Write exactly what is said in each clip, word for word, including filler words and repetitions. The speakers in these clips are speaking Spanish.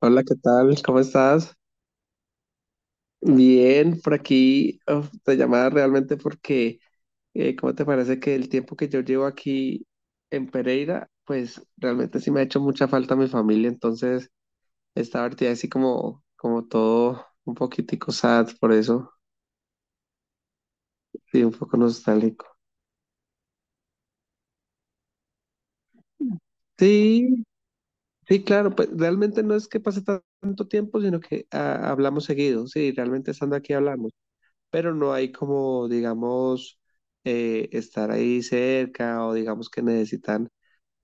Hola, ¿qué tal? ¿Cómo estás? Bien, por aquí uf, te llamaba realmente porque, eh, ¿cómo te parece que el tiempo que yo llevo aquí en Pereira, pues realmente sí me ha hecho mucha falta mi familia? Entonces estaba ahorita así como, como todo un poquitico sad por eso, sí, un poco nostálgico. Sí, sí, claro, pues realmente no es que pase tanto tiempo, sino que ah, hablamos seguido, sí, realmente estando aquí hablamos. Pero no hay como, digamos, eh, estar ahí cerca o digamos que necesitan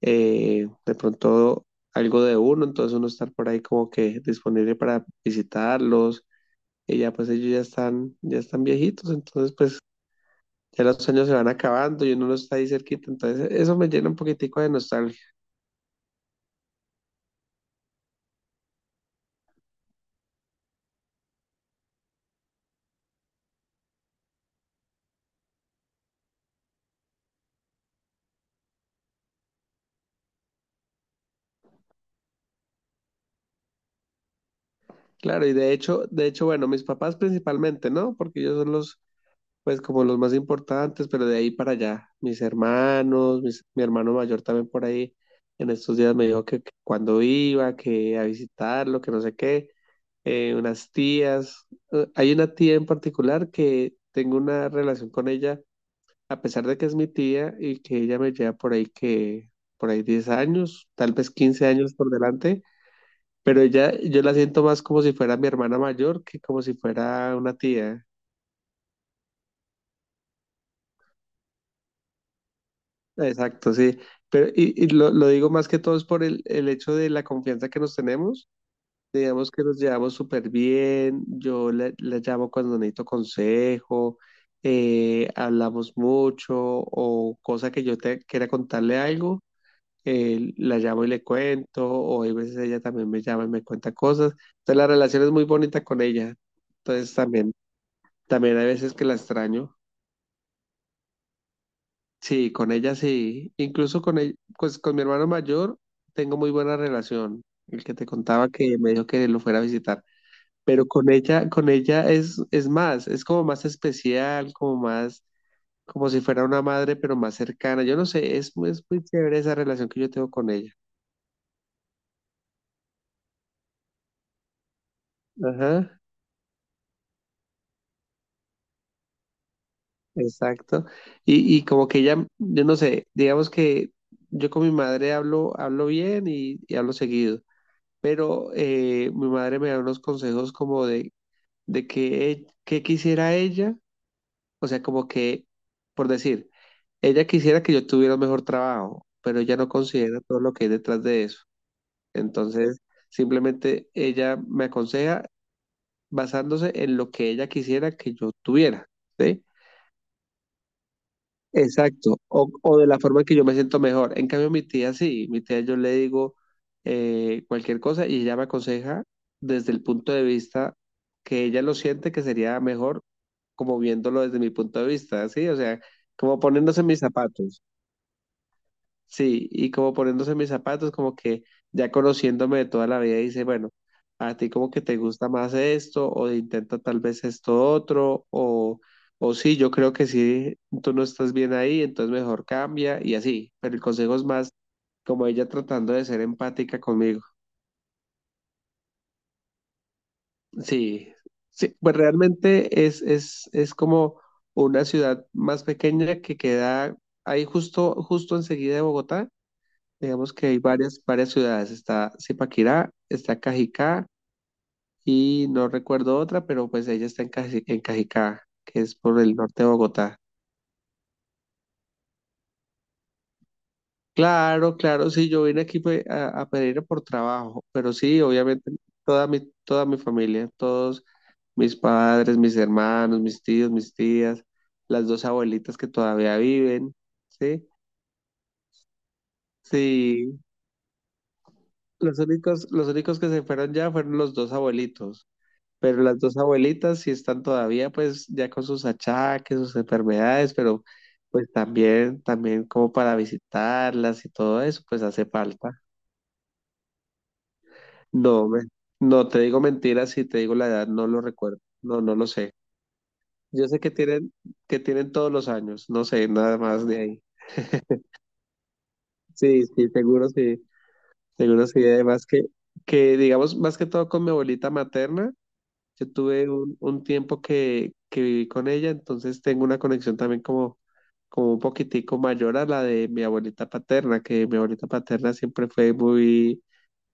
eh, de pronto algo de uno, entonces uno estar por ahí como que disponible para visitarlos, y ya pues ellos ya están, ya están viejitos, entonces pues ya los años se van acabando y uno no está ahí cerquita, entonces eso me llena un poquitico de nostalgia. Claro, y de hecho, de hecho, bueno, mis papás principalmente, ¿no? Porque ellos son los pues como los más importantes, pero de ahí para allá, mis hermanos, mis- mi hermano mayor también por ahí, en estos días me dijo que, que cuando iba, que a visitarlo, que no sé qué, eh, unas tías. Eh, hay una tía en particular que tengo una relación con ella, a pesar de que es mi tía y que ella me lleva por ahí que, por ahí diez años, tal vez quince años por delante, pero ella, yo la siento más como si fuera mi hermana mayor que como si fuera una tía. Exacto, sí. Pero, y, y lo, lo digo más que todo es por el, el hecho de la confianza que nos tenemos. Digamos que nos llevamos súper bien. Yo la, la llamo cuando necesito consejo, eh, hablamos mucho o cosa que yo te quiera contarle algo, eh, la llamo y le cuento. O hay veces ella también me llama y me cuenta cosas. Entonces la relación es muy bonita con ella. Entonces también, también hay veces que la extraño. Sí, con ella sí. Incluso con ella, pues con mi hermano mayor tengo muy buena relación. El que te contaba que me dijo que lo fuera a visitar. Pero con ella, con ella es, es más, es como más especial, como más, como si fuera una madre, pero más cercana. Yo no sé, es, muy- es muy chévere esa relación que yo tengo con ella. Ajá, exacto. Y, y como que ella, yo no sé, digamos que yo con mi madre hablo, hablo bien y, y hablo seguido, pero eh, mi madre me da unos consejos como de de que, e- que quisiera ella, o sea, como que, por decir, ella quisiera que yo tuviera un mejor trabajo, pero ella no considera todo lo que hay detrás de eso. Entonces, simplemente ella me aconseja basándose en lo que ella quisiera que yo tuviera, ¿sí? Exacto, o, o de la forma que yo me siento mejor. En cambio, mi tía sí, mi tía yo le digo eh, cualquier cosa y ella me aconseja desde el punto de vista que ella lo siente que sería mejor como viéndolo desde mi punto de vista, ¿sí? O sea, como poniéndose en mis zapatos. Sí, y como poniéndose mis zapatos, como que ya conociéndome de toda la vida, dice, bueno, a ti como que te gusta más esto, o intenta tal vez esto otro, o, o sí, yo creo que sí, tú no estás bien ahí, entonces mejor cambia, y así. Pero el consejo es más como ella tratando de ser empática conmigo. Sí, sí, pues realmente es, es, es como una ciudad más pequeña que queda ahí justo, justo enseguida de Bogotá. Digamos que hay varias, varias ciudades. Está Zipaquirá, está Cajicá y no recuerdo otra, pero pues ella está en, Caji- en Cajicá, que es por el norte de Bogotá. Claro, claro, sí, yo vine aquí fue a, a Pereira por trabajo, pero sí, obviamente toda mi, toda mi familia, todos mis padres, mis hermanos, mis tíos, mis tías, las dos abuelitas que todavía viven, ¿sí? Sí, los únicos, los únicos que se fueron ya fueron los dos abuelitos. Pero las dos abuelitas sí están todavía, pues, ya con sus achaques, sus enfermedades, pero pues también, también como para visitarlas y todo eso, pues hace falta. No, me- no te digo mentiras, si te digo la edad, no lo recuerdo. No, no lo sé. Yo sé que tienen, que tienen todos los años, no sé, nada más de ahí. Sí, sí, seguro sí, seguro sí. Además que, que digamos, más que todo con mi abuelita materna. Yo tuve un, un tiempo que, que viví con ella, entonces tengo una conexión también como, como un poquitico mayor a la de mi abuelita paterna, que mi abuelita paterna siempre fue muy,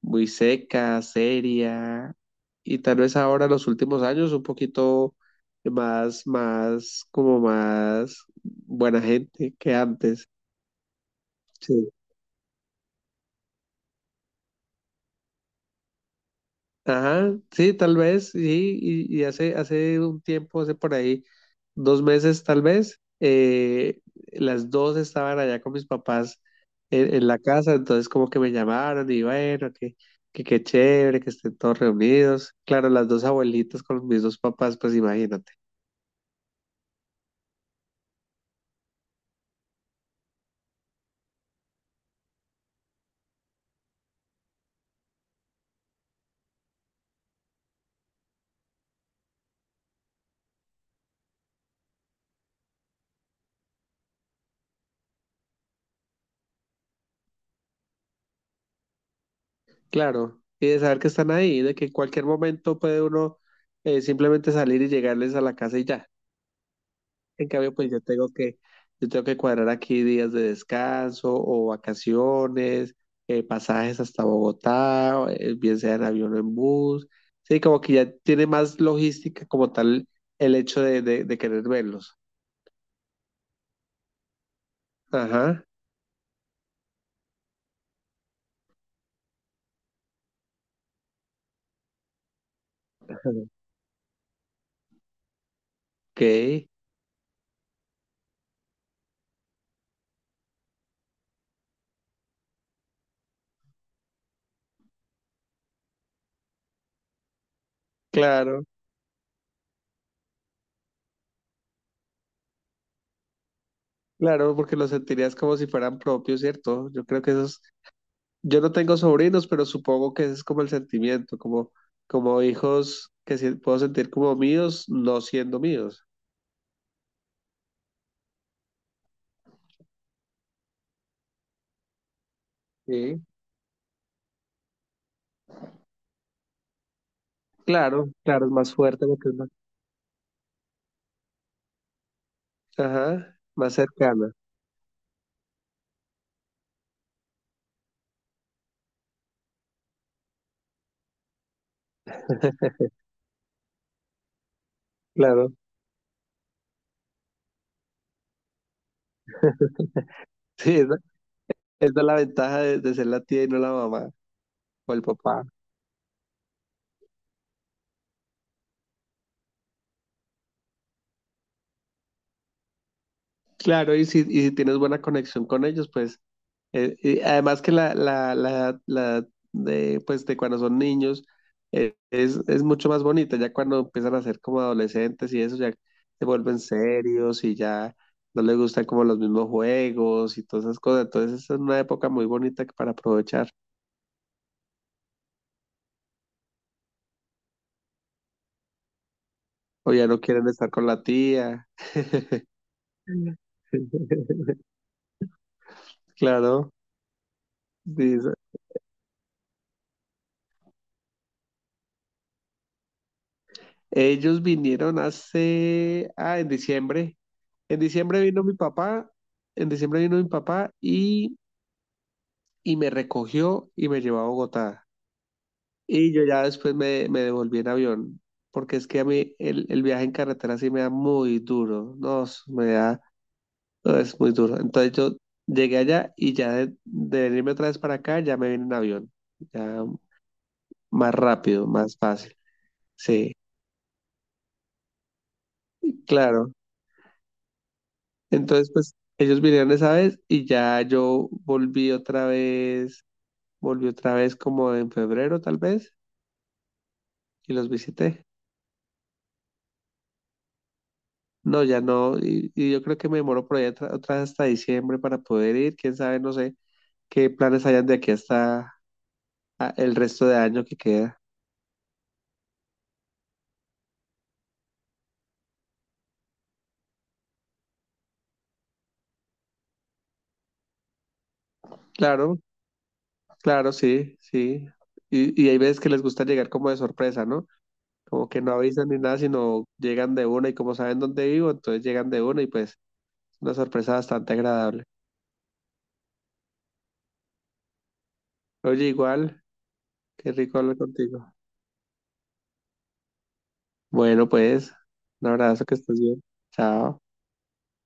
muy seca, seria, y tal vez ahora los últimos años un poquito más, más, como más buena gente que antes. Sí. Ajá, sí, tal vez, sí, y, y hace, hace un tiempo, hace por ahí dos meses tal vez, eh, las dos estaban allá con mis papás en, en la casa, entonces como que me llamaron y bueno, que, que qué chévere, que estén todos reunidos. Claro, las dos abuelitas con mis dos papás, pues imagínate. Claro, y de saber que están ahí, de que en cualquier momento puede uno eh, simplemente salir y llegarles a la casa y ya. En cambio, pues yo tengo que, yo tengo que cuadrar aquí días de descanso o vacaciones, eh, pasajes hasta Bogotá, o, eh, bien sea en avión o en bus. Sí, como que ya tiene más logística como tal el hecho de, de, de querer verlos. Ajá. Ok, claro, claro, porque los sentirías como si fueran propios, ¿cierto? Yo creo que esos, yo no tengo sobrinos, pero supongo que ese es como el sentimiento, como, como hijos que si- puedo sentir como míos, no siendo míos. Sí. Claro, claro, es más fuerte porque es más, ajá, más cercana, claro. Sí, esa, esa es la ventaja de, de ser la tía y no la mamá o el papá. Claro, y si, y si tienes buena conexión con ellos, pues, eh, y además que la, la, la, la de, pues, de cuando son niños eh, es, es mucho más bonita, ya cuando empiezan a ser como adolescentes y eso, ya se vuelven serios y ya no les gustan como los mismos juegos y todas esas cosas. Entonces, es una época muy bonita para aprovechar. O ya no quieren estar con la tía. Claro, dice, ellos vinieron hace, ah, en diciembre. En diciembre vino mi papá, en diciembre vino mi papá y, y me recogió y me llevó a Bogotá. Y yo ya después me, me devolví en avión, porque es que a mí el, el viaje en carretera sí me da muy duro, no, es- me da, no, es muy duro. Entonces yo llegué allá y ya de, de venirme otra vez para acá, ya me vine en avión. Ya más rápido, más fácil. Sí, claro. Entonces, pues ellos vinieron esa vez y ya yo volví otra vez, volví otra vez como en febrero tal vez y los visité. No, ya no, y, y yo creo que me demoro por ahí otra, otra vez hasta diciembre para poder ir, quién sabe, no sé qué planes hayan de aquí hasta ah, el resto de año que queda. Claro, claro, sí, sí. Y, y hay veces que les gusta llegar como de sorpresa, ¿no? Como que no avisan ni nada, sino llegan de una y como saben dónde vivo, entonces llegan de una y pues es una sorpresa bastante agradable. Oye, igual, qué rico hablar contigo. Bueno, pues, un abrazo, que estés bien. Chao.